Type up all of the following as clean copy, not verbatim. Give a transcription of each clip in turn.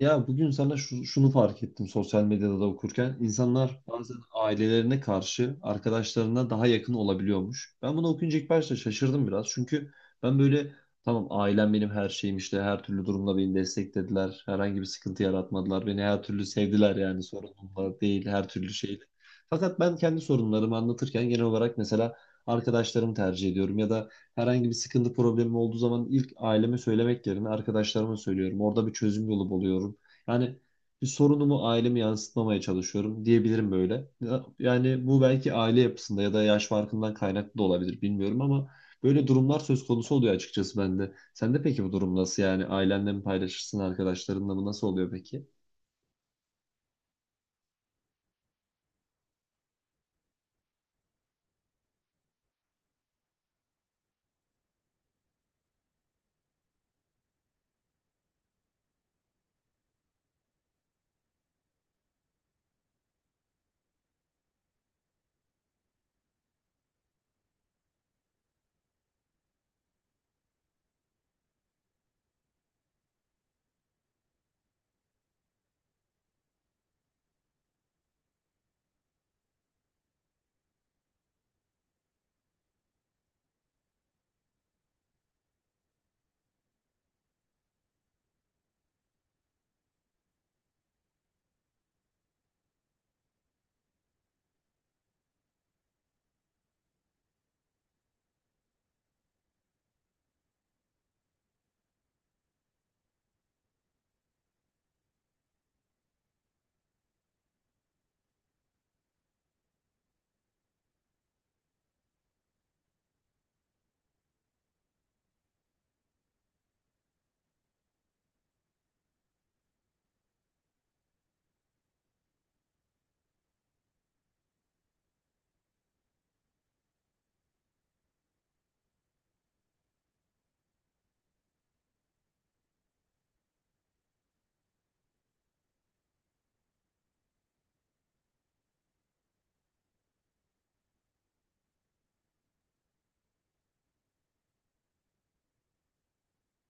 Ya bugün sana şunu fark ettim sosyal medyada da okurken. İnsanlar bazen ailelerine karşı arkadaşlarına daha yakın olabiliyormuş. Ben bunu okuyunca ilk başta şaşırdım biraz. Çünkü ben böyle tamam, ailem benim her şeyim, işte her türlü durumda beni desteklediler. Herhangi bir sıkıntı yaratmadılar. Beni her türlü sevdiler, yani sorunumla değil her türlü şeyle. Fakat ben kendi sorunlarımı anlatırken genel olarak mesela arkadaşlarımı tercih ediyorum ya da herhangi bir sıkıntı, problemim olduğu zaman ilk aileme söylemek yerine arkadaşlarıma söylüyorum. Orada bir çözüm yolu buluyorum. Yani bir sorunumu aileme yansıtmamaya çalışıyorum diyebilirim böyle. Yani bu belki aile yapısında ya da yaş farkından kaynaklı da olabilir, bilmiyorum ama böyle durumlar söz konusu oluyor açıkçası bende. Sende peki bu durum nasıl yani? Ailenle mi paylaşırsın, arkadaşlarınla mı? Nasıl oluyor peki?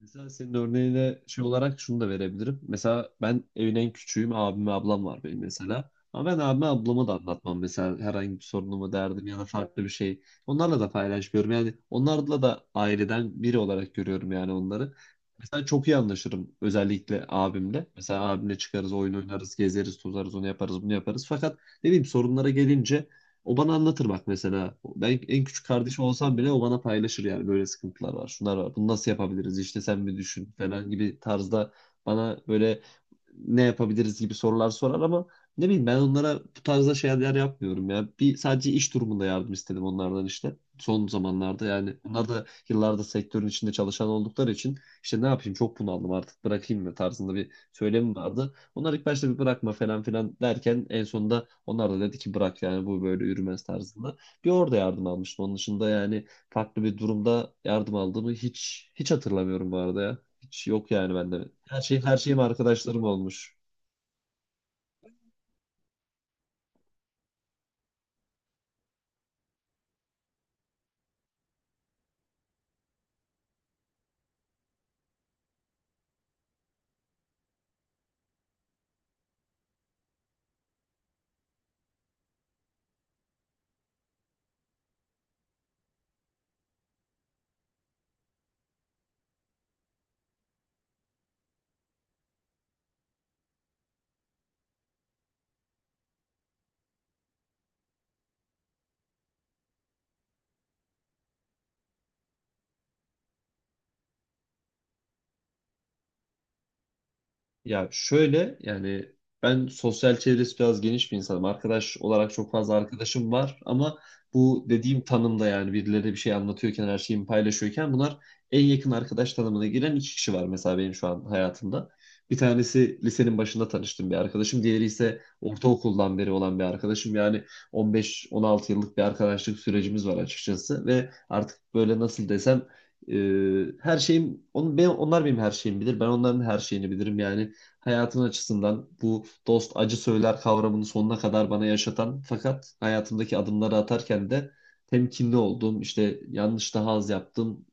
Mesela senin örneğine şey olarak şunu da verebilirim. Mesela ben evin en küçüğüm. Abim ve ablam var benim mesela. Ama ben abime ablama da anlatmam. Mesela herhangi bir sorunumu, derdim ya da farklı bir şey. Onlarla da paylaşmıyorum. Yani onlarla da aileden biri olarak görüyorum yani onları. Mesela çok iyi anlaşırım özellikle abimle. Mesela abimle çıkarız, oyun oynarız, gezeriz, tozarız, onu yaparız, bunu yaparız. Fakat ne bileyim sorunlara gelince o bana anlatır bak mesela. Ben en küçük kardeşim olsam bile o bana paylaşır, yani böyle sıkıntılar var, şunlar var. Bunu nasıl yapabiliriz? İşte sen bir düşün falan gibi tarzda bana böyle ne yapabiliriz gibi sorular sorar ama ne bileyim ben onlara bu tarzda şeyler yapmıyorum ya. Bir sadece iş durumunda yardım istedim onlardan işte. Son zamanlarda yani onlar da yıllarda sektörün içinde çalışan oldukları için işte ne yapayım, çok bunaldım, artık bırakayım mı tarzında bir söylemi vardı. Onlar ilk başta bir bırakma falan filan derken en sonunda onlar da dedi ki bırak, yani bu böyle yürümez tarzında. Bir orada yardım almıştım. Onun dışında yani farklı bir durumda yardım aldığımı hiç hatırlamıyorum bu arada ya. Hiç yok yani bende. Her şey, her şeyim arkadaşlarım olmuş. Ya şöyle yani ben sosyal çevresi biraz geniş bir insanım. Arkadaş olarak çok fazla arkadaşım var ama bu dediğim tanımda yani birileri bir şey anlatıyorken, her şeyimi paylaşıyorken bunlar en yakın arkadaş tanımına giren iki kişi var mesela benim şu an hayatımda. Bir tanesi lisenin başında tanıştığım bir arkadaşım. Diğeri ise ortaokuldan beri olan bir arkadaşım. Yani 15-16 yıllık bir arkadaşlık sürecimiz var açıkçası ve artık böyle nasıl desem e, her şeyim onun, ben, onlar benim her şeyimi bilir. Ben onların her şeyini bilirim. Yani hayatın açısından bu dost acı söyler kavramını sonuna kadar bana yaşatan, fakat hayatımdaki adımları atarken de temkinli olduğum, işte yanlış daha az yaptım,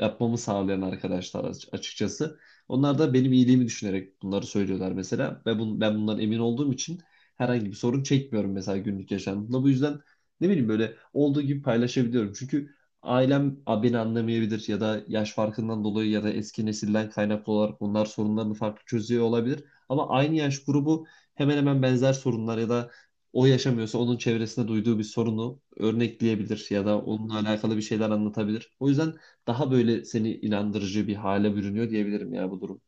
yapmamı sağlayan arkadaşlar açıkçası. Onlar da benim iyiliğimi düşünerek bunları söylüyorlar mesela ve ben bundan emin olduğum için herhangi bir sorun çekmiyorum mesela günlük yaşamımda. Bu yüzden ne bileyim böyle olduğu gibi paylaşabiliyorum. Çünkü ailem beni anlamayabilir ya da yaş farkından dolayı ya da eski nesilden kaynaklı olarak bunlar sorunlarını farklı çözüyor olabilir. Ama aynı yaş grubu hemen hemen benzer sorunlar ya da o yaşamıyorsa onun çevresinde duyduğu bir sorunu örnekleyebilir ya da onunla alakalı bir şeyler anlatabilir. O yüzden daha böyle seni inandırıcı bir hale bürünüyor diyebilirim ya bu durum.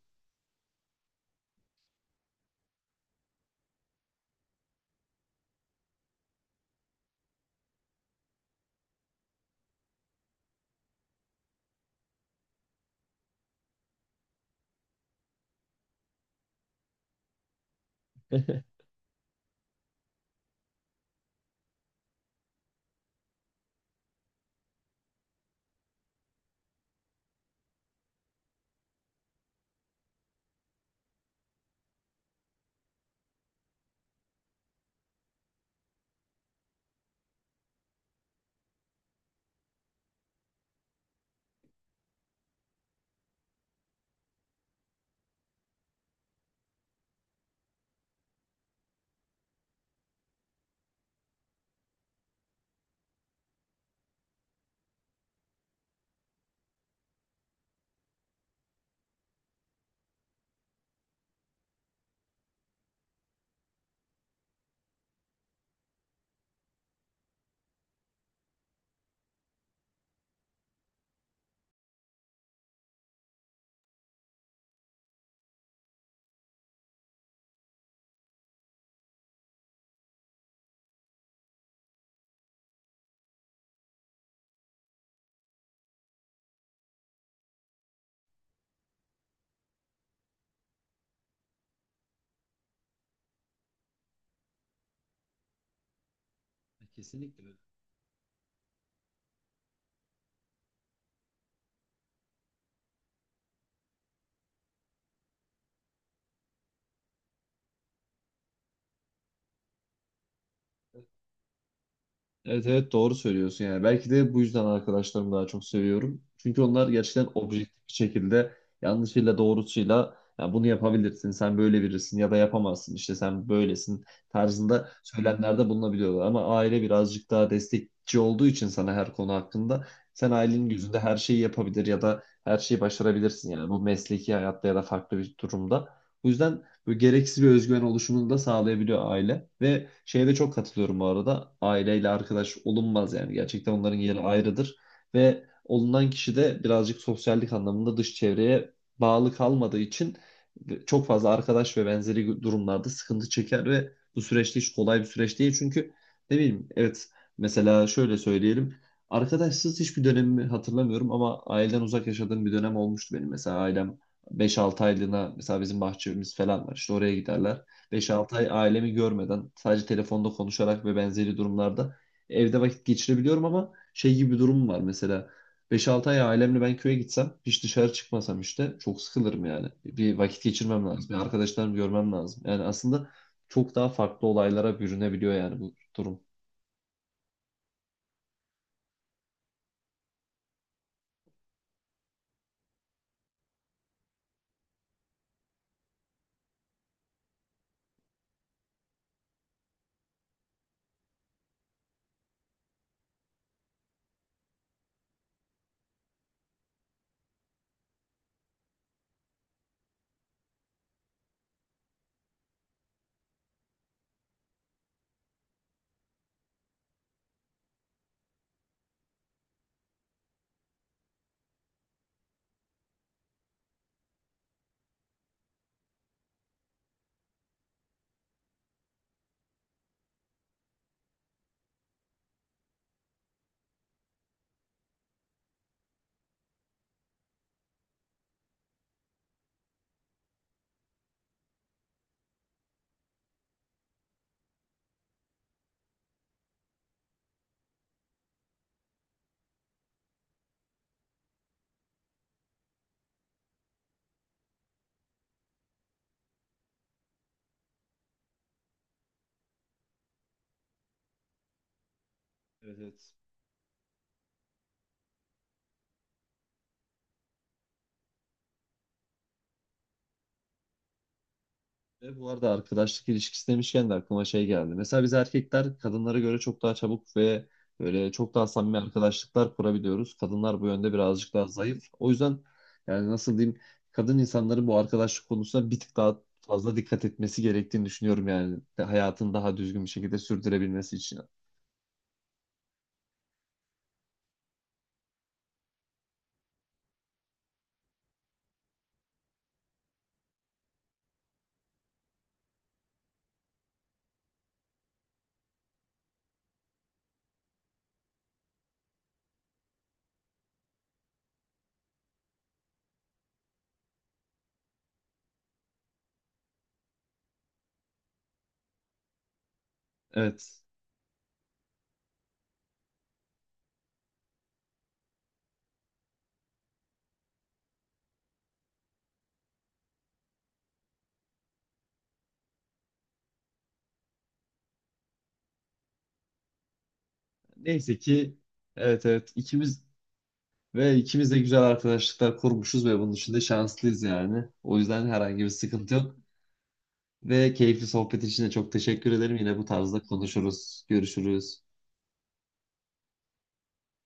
Kesinlikle. Evet evet, doğru söylüyorsun yani. Belki de bu yüzden arkadaşlarımı daha çok seviyorum. Çünkü onlar gerçekten objektif bir şekilde yanlışıyla doğrusuyla ya bunu yapabilirsin, sen böyle birisin ya da yapamazsın, işte sen böylesin tarzında söylemlerde bulunabiliyorlar. Ama aile birazcık daha destekçi olduğu için sana her konu hakkında sen ailenin gözünde her şeyi yapabilir ya da her şeyi başarabilirsin, yani bu mesleki hayatta ya da farklı bir durumda. Bu yüzden böyle gereksiz bir özgüven oluşumunu da sağlayabiliyor aile. Ve şeye de çok katılıyorum bu arada. Aileyle arkadaş olunmaz yani. Gerçekten onların yeri ayrıdır. Ve olunan kişi de birazcık sosyallik anlamında dış çevreye bağlı kalmadığı için çok fazla arkadaş ve benzeri durumlarda sıkıntı çeker ve bu süreçte hiç kolay bir süreç değil. Çünkü ne bileyim, evet mesela şöyle söyleyelim. Arkadaşsız hiçbir dönemimi hatırlamıyorum ama aileden uzak yaşadığım bir dönem olmuştu benim. Mesela ailem beş-altı aylığına, mesela bizim bahçemiz falan var. İşte oraya giderler. Beş-altı ay ailemi görmeden sadece telefonda konuşarak ve benzeri durumlarda evde vakit geçirebiliyorum, ama şey gibi bir durum var mesela. Beş-altı ay ailemle ben köye gitsem, hiç dışarı çıkmasam işte çok sıkılırım yani. Bir vakit geçirmem lazım. Bir arkadaşlarımı görmem lazım. Yani aslında çok daha farklı olaylara bürünebiliyor yani bu durum. Evet, evet. Ve bu arada arkadaşlık ilişkisi demişken de aklıma şey geldi. Mesela biz erkekler kadınlara göre çok daha çabuk ve böyle çok daha samimi arkadaşlıklar kurabiliyoruz. Kadınlar bu yönde birazcık daha zayıf. O yüzden yani nasıl diyeyim, kadın insanların bu arkadaşlık konusuna bir tık daha fazla dikkat etmesi gerektiğini düşünüyorum yani, hayatını daha düzgün bir şekilde sürdürebilmesi için. Evet. Neyse ki, evet evet ikimiz ve ikimiz de güzel arkadaşlıklar kurmuşuz ve bunun için de şanslıyız yani. O yüzden herhangi bir sıkıntı yok. Ve keyifli sohbet için de çok teşekkür ederim. Yine bu tarzda konuşuruz, görüşürüz.